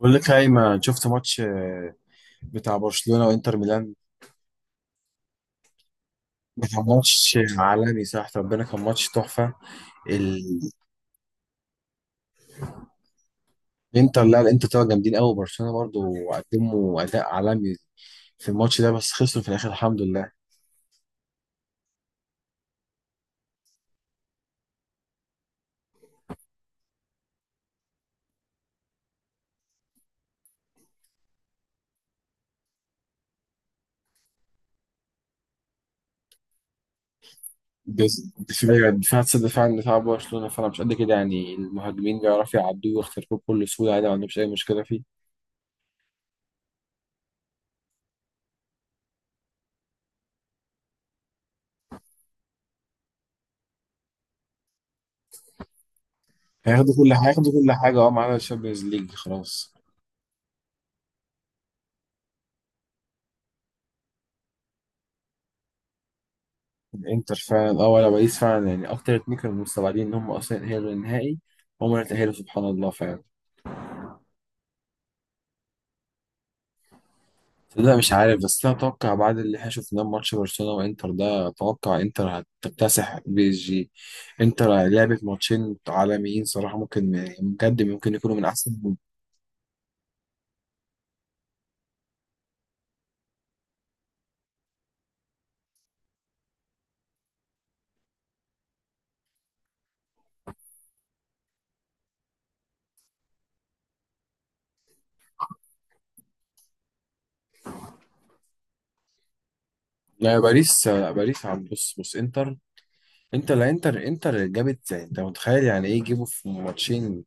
بقول لك هايما شفت ماتش بتاع برشلونة وانتر ميلان. ما كان ماتش عالمي؟ صح ربنا، كان ماتش تحفة. ال- الانتر، لا الانتر طلعوا جامدين قوي. برشلونة برضو قدموا اداء عالمي في الماتش ده، بس خسروا في الاخر الحمد لله. دفاع دفاع برشلونة فانا مش قد كده، يعني المهاجمين بيعرفوا يعدوه ويخترقوه بكل سهولة عادي، ما عندهمش اي مشكلة فيه. هياخدوا كل حاجة اه، ما عدا الشامبيونز ليج خلاص. انتر فعلا اه، ولا باريس فعلا، يعني اكتر اتنين كانوا مستبعدين ان هم اصلا يتأهلوا للنهائي، هم اللي تأهلوا سبحان الله فعلا. لا مش عارف، بس انا اتوقع بعد اللي احنا شفناه في ماتش برشلونة وانتر ده، اتوقع انتر هتكتسح بي اس جي. انتر لعبت ماتشين عالميين صراحة، ممكن بجد ممكن يكونوا من احسن. لا باريس لا باريس عم بص انتر. انتر لا انتر انتر جابت، يعني انت متخيل يعني ايه يجيبوا في ماتشين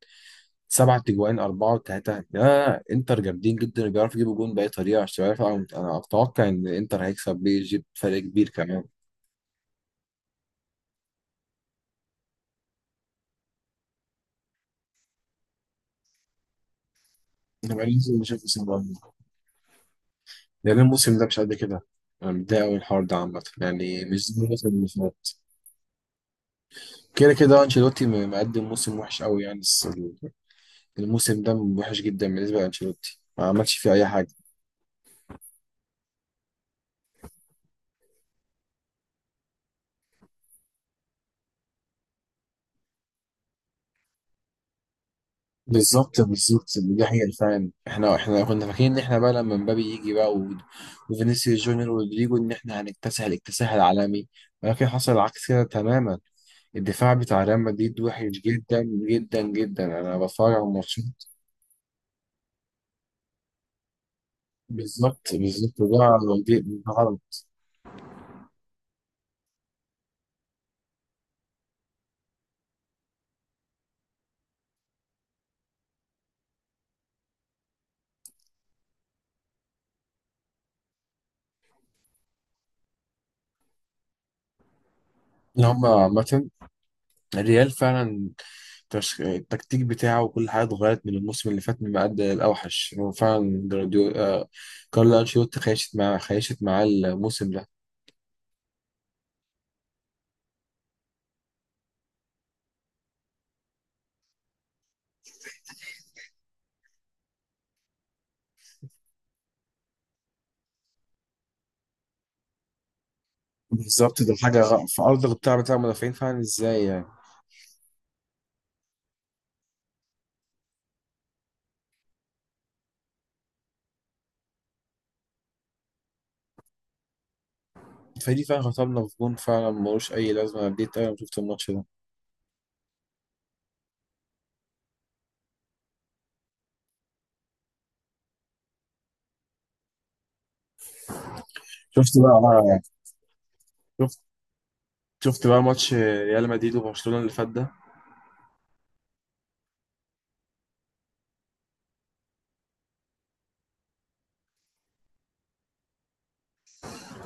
سبعة تجوان أربعة وتلاتة؟ آه انتر جامدين جدا، بيعرفوا يجيبوا جون بأي طريقة. مش عارف، أنا أتوقع إن انتر هيكسب بي إس جي بفرق كبير كمان. انا بقالي كتير ما شايف موسم ده، لأن الموسم ده مش قد كده. أنا متضايق أوي من الحوار ده عامة، يعني مش زي الموسم اللي فات. كده كده أنشيلوتي مقدم موسم وحش أوي يعني، بس الموسم ده وحش جدا بالنسبة لأنشيلوتي، ما عملش فيه أي حاجة. بالظبط بالظبط دي حقيقة فعلا، احنا كنا فاكرين ان احنا بقى لما مبابي يجي بقى وفينيسيوس جونيور ورودريجو، ان احنا هنكتسح الاكتساح العالمي، ولكن حصل العكس كده تماما. الدفاع بتاع ريال مدريد وحش جدا جدا جدا. انا بتفرج على الماتشات. بالظبط بالظبط، ده غلط. اللي هم عامة الريال فعلا، التكتيك بتاعه وكل حاجة اتغيرت من الموسم اللي فات، من أقل الأوحش هو فعلا جراديو آه، كارلو أنشيلوتي خيشت معاه الموسم ده. بالظبط، ده حاجة في أرض القطاع بتاع المدافعين فعلا إزاي يعني. فدي فعلا خطبنا في جون فعلا، ملوش أي لازمة. أنا نديت أوي لما شفت الماتش ده. شفت بقى آه، شفت شفت بقى ماتش ريال مدريد وبرشلونة اللي فات ده.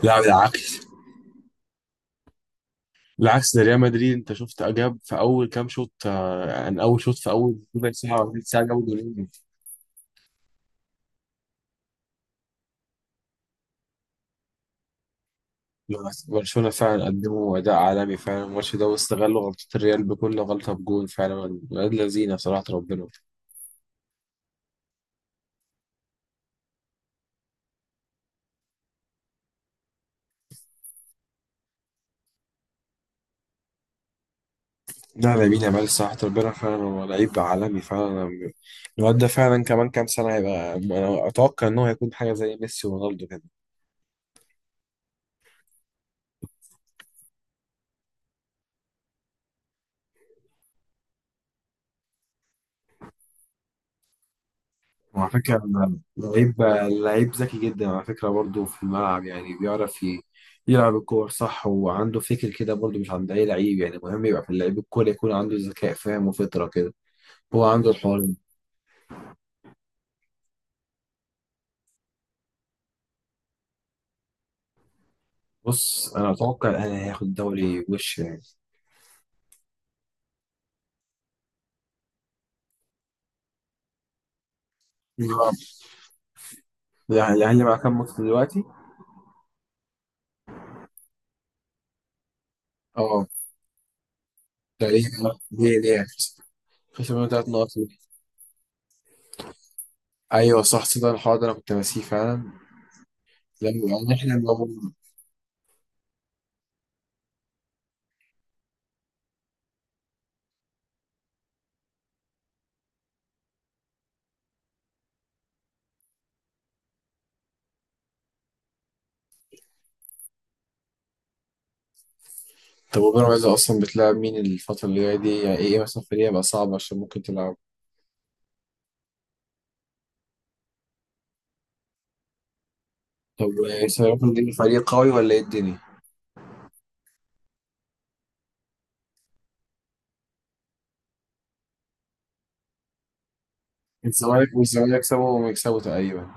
لا بالعكس، بالعكس ده ريال مدريد أنت شفت، جاب في أول كام شوط آه، يعني أول شوط في أول ربع ساعة أو تلت ساعة جابوا جولين. لا، برشلونة فعلا قدموا أداء عالمي فعلا الماتش ده، واستغلوا غلطة الريال بكل غلطة بجون فعلا. ولاد لذينة صراحة ربنا. لا لامين يامال صراحة ربنا فعلا هو لعيب عالمي فعلا. الواد ده فعلا كمان كام سنة هيبقى، أنا أتوقع إن هو هيكون حاجة زي ميسي ورونالدو كده. وعلى فكرة، لعيب لعيب ذكي جدا على فكرة برضه في الملعب، يعني بيعرف يلعب الكور صح، وعنده فكر كده برضه مش عند أي لعيب. يعني مهم يبقى في اللعيب الكورة يكون عنده ذكاء فاهم وفطرة كده، هو عنده الحوار ده. بص أنا أتوقع الأهلي هياخد الدوري وش يعني. نعم. يعني الأهلي معاه كام ماتش دلوقتي؟ أه، تقريبا. ليه خسر منه تلات نقط ليه. ايوه صح، صدق الحوار ده انا كنت ناسيه فعلا. لما يعني احنا لو. طب وبيراميدز اصلا بتلعب مين الفترة اللي جاية دي، يعني ايه إيه مثلا فريق هيبقى صعب عشان ممكن تلعب. طب سيراميكا دي فريق قوي ولا ايه الدنيا؟ الزمالك، والزمالك يكسبوا ويكسبوا تقريبا.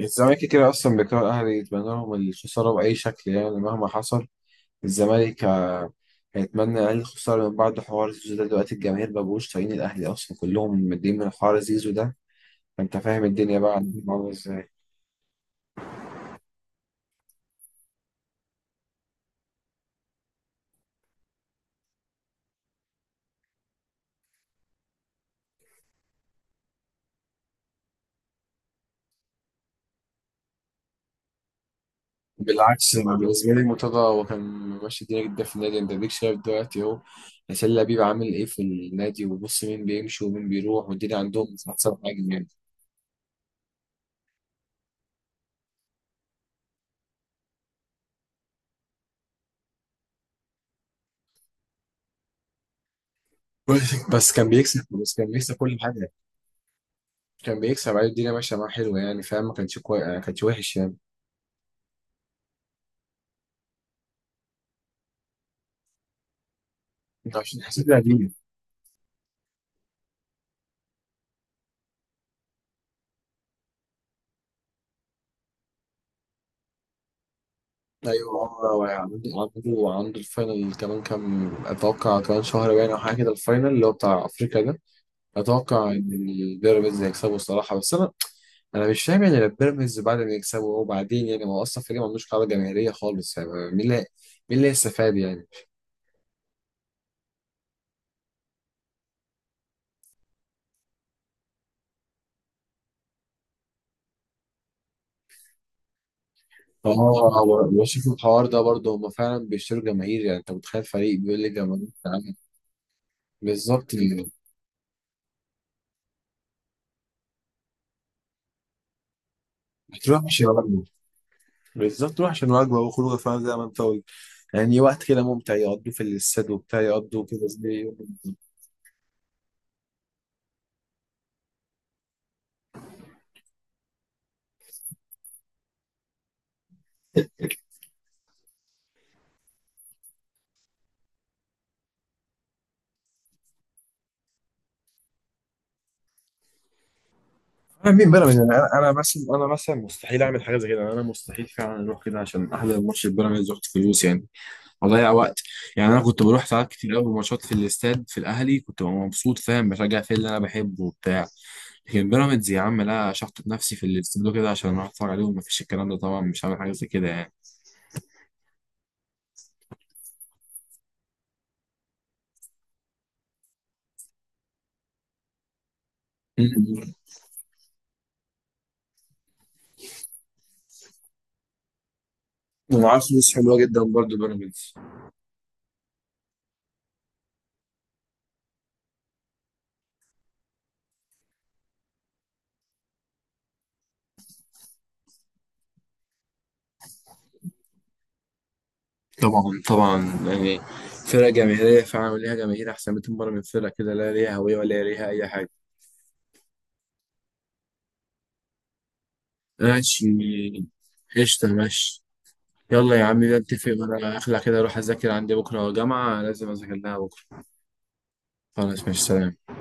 الزمالك كده اصلا بيكره الاهلي، يتمنى لهم الخسارة بأي شكل يعني مهما حصل. الزمالك هيتمنى اقل خسارة، من بعد حوار زيزو ده دلوقتي الجماهير مبقوش طايقين الاهلي اصلا، كلهم مدين من حوار زيزو ده. فانت فاهم الدنيا بقى عندهم عاملة ازاي. بالعكس انا بالنسبه لي مرتضى هو كان ماشي الدنيا جدا في النادي. انت اديك شايف دلوقتي اهو، حسين لبيب عامل ايه في النادي، وبص مين بيمشي ومين بيروح، والدنيا عندهم مش احسن حاجه يعني. بس كان بيكسب كل حاجه، كان بيكسب عليه الدنيا ماشيه معاه حلوه يعني، فاهم؟ ما كانش كويس ما كانش وحش يعني. انت عشان حسين لبيب. ايوه هو عنده، عنده الفاينل كمان كام، اتوقع كمان شهر باين او حاجه كده، الفاينل اللي هو بتاع افريقيا ده. اتوقع ان البيراميدز هيكسبه الصراحه. بس انا مش فاهم يعني بيراميدز بعد ما يكسبوا وبعدين يعني، ما هو اصلا فريق ما عندوش قاعده جماهيريه خالص، يعني مين اللي هيستفاد يعني. اه هو بشوف الحوار ده برضه، هم فعلا بيشتروا جماهير، يعني انت متخيل فريق بيقول لي جماهير تعالى. بالظبط يعني. هتروح عشان وجبه. بالظبط روح عشان وجبه وخروجه فعلا زي ما انت قلت، يعني وقت كده ممتع يقضوه في الاستاد وبتاع يقضوا كده زي. انا مين بيراميدز، انا مثلا مستحيل اعمل حاجه زي كده، انا مستحيل فعلا اروح كده عشان احضر ماتش بيراميدز واخد فلوس يعني، اضيع وقت. يعني انا كنت بروح ساعات كتير قوي ماتشات في الاستاد في الاهلي، كنت ببقى مبسوط فاهم، بشجع في اللي انا بحبه وبتاع. لكن بيراميدز يا عم لا، شحطت نفسي في الاستاد كده عشان اروح اتفرج عليهم، مفيش الكلام ده طبعا، مش هعمل حاجه زي كده يعني. م- م. ومعاه فلوس حلوه جدا برضه بيراميدز. طبعا طبعا يعني فرقه جماهيريه فعلا ليها جماهير احسن 200 مره من فرقه كده لا ليها هويه ولا ليها اي حاجه. ماشي، قشطه ماشي. يلا يا عم نتفق، وانا اخلع كده اروح اذاكر عندي بكره جامعه لازم اذاكر لها بكره. خلاص مش سلام.